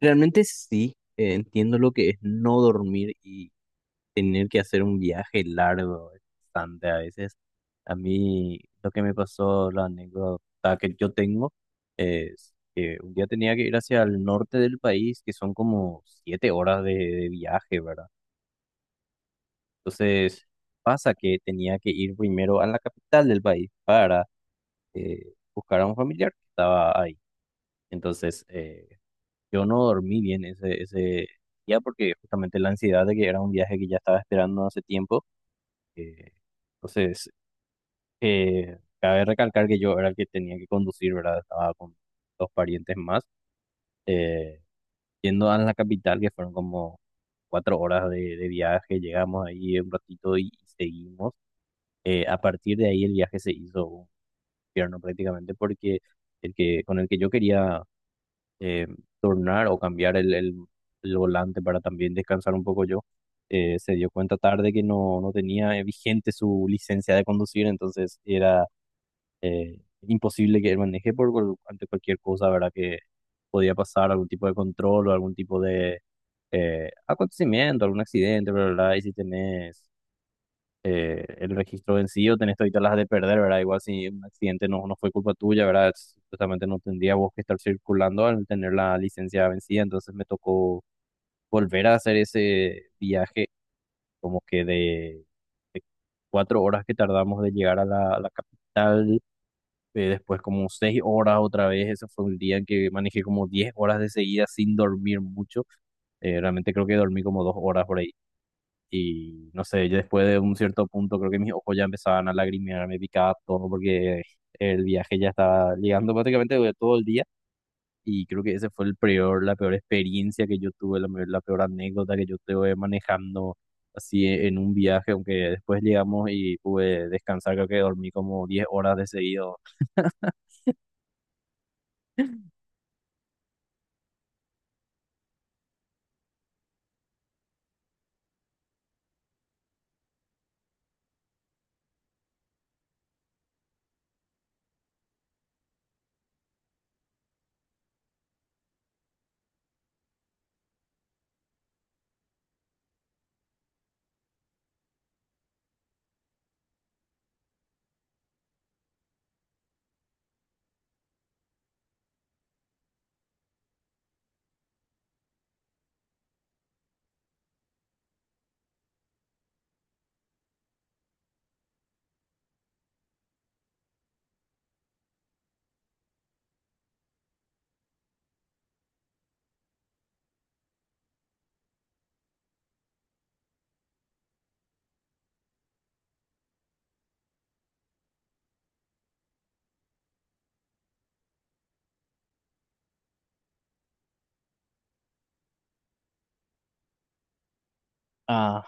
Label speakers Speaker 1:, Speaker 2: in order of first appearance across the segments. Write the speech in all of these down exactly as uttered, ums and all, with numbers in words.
Speaker 1: Realmente sí, eh, entiendo lo que es no dormir y tener que hacer un viaje largo, bastante a veces. A mí lo que me pasó, la anécdota que yo tengo, es que un día tenía que ir hacia el norte del país, que son como siete horas de, de viaje, ¿verdad? Entonces pasa que tenía que ir primero a la capital del país para eh, buscar a un familiar que estaba ahí. Entonces, eh, Yo no dormí bien ese, ese día porque justamente la ansiedad de que era un viaje que ya estaba esperando hace tiempo. eh, entonces, eh, Cabe recalcar que yo era el que tenía que conducir, ¿verdad? Estaba con dos parientes más, eh, yendo a la capital, que fueron como cuatro horas de, de viaje. Llegamos ahí un ratito y, seguimos. Eh, a partir de ahí el viaje se hizo un infierno prácticamente porque el que, con el que yo quería eh, turnar o cambiar el, el- el volante para también descansar un poco yo, eh, se dio cuenta tarde que no, no tenía eh, vigente su licencia de conducir, entonces era eh, imposible que él maneje por, cual- ante cualquier cosa, ¿verdad? Que podía pasar algún tipo de control o algún tipo de eh, acontecimiento, algún accidente, ¿verdad? Y si tenés eh, el registro vencido, tenés todas las de perder, ¿verdad? Igual si un accidente no, no fue culpa tuya, ¿verdad? Es- Justamente no tendría vos que estar circulando al tener la licencia vencida, entonces me tocó volver a hacer ese viaje como que de, de cuatro horas que tardamos de llegar a la, a la capital, eh, después como seis horas otra vez, ese fue un día en que manejé como diez horas de seguida sin dormir mucho, eh, realmente creo que dormí como dos horas por ahí y no sé, ya después de un cierto punto creo que mis ojos ya empezaban a lagrimear, me picaba todo porque el viaje ya estaba llegando prácticamente de todo el día. Y creo que ese fue el peor, la peor experiencia que yo tuve, la, me- la peor anécdota que yo tuve manejando así e- en un viaje, aunque después llegamos y pude descansar, creo que dormí como diez horas de seguido. Ah,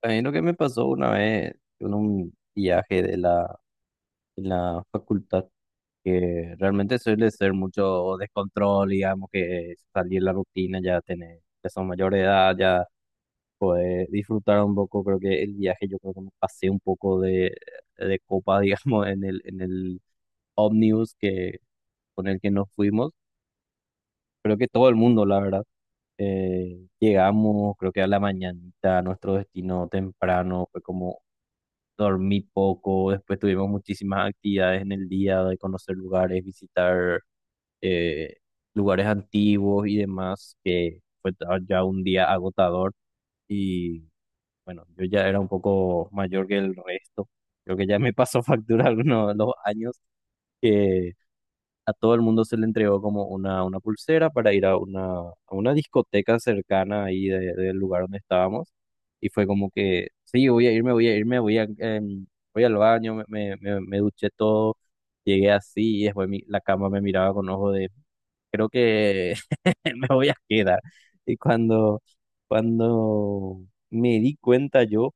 Speaker 1: también lo que me pasó una vez en un viaje de la, de la facultad que realmente suele ser mucho descontrol, digamos, que salir de la rutina, ya tener, ya son mayor de edad, ya poder disfrutar un poco, creo que el viaje, yo creo que me pasé un poco de, de copa, digamos, en el, en el ómnibus que, con el que nos fuimos, creo que todo el mundo, la verdad. Eh, llegamos, creo que a la mañanita, a nuestro destino temprano, fue como dormí poco, después tuvimos muchísimas actividades en el día de conocer lugares, visitar eh, lugares antiguos y demás, que fue ta- ya un día agotador y bueno, yo ya era un poco mayor que el resto. Creo que ya me pasó factura algunos de los años que a todo el mundo se le entregó como una, una pulsera para ir a una, a una discoteca cercana ahí de- del lugar donde estábamos. Y fue como que, sí, voy a irme, voy a irme, voy a, em, voy al baño, me, me, me- me duché todo, llegué así y después mi- la cama me miraba con ojo de creo que me voy a quedar. Y cuando, cuando me di cuenta yo,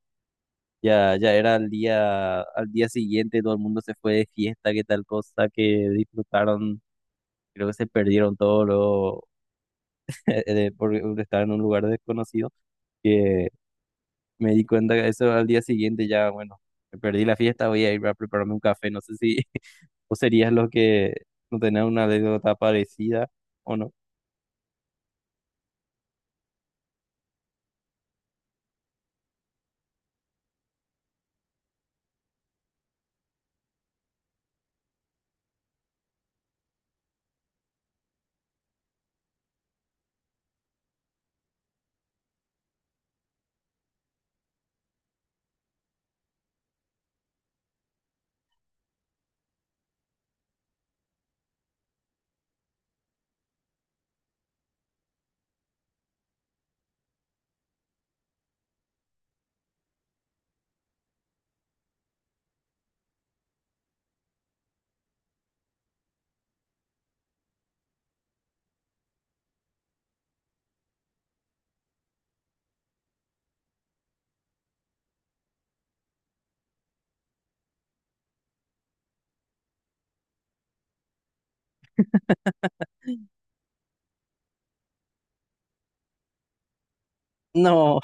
Speaker 1: ya, ya era al día, al día siguiente, todo el mundo se fue de fiesta, que tal cosa, que disfrutaron, creo que se perdieron todo lo, de- por estar en un lugar desconocido, que me di cuenta que eso al día siguiente ya, bueno, me perdí la fiesta, voy a ir a prepararme un café, no sé si vos serías lo que no tenés una anécdota parecida o no. No.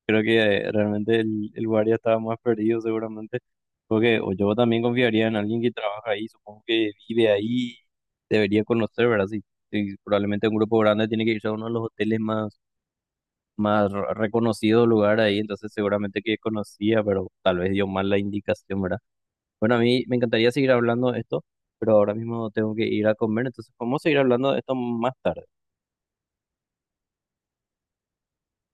Speaker 1: Creo que realmente el, el guardia estaba más perdido seguramente, porque o yo también confiaría en alguien que trabaja ahí, supongo que vive ahí, debería conocer, ¿verdad? Si, si probablemente un grupo grande tiene que irse a uno de los hoteles más, más re- reconocidos lugar ahí, entonces seguramente que conocía, pero tal vez dio mal la indicación, ¿verdad? Bueno, a mí me encantaría seguir hablando de esto, pero ahora mismo tengo que ir a comer, entonces podemos seguir hablando de esto más tarde.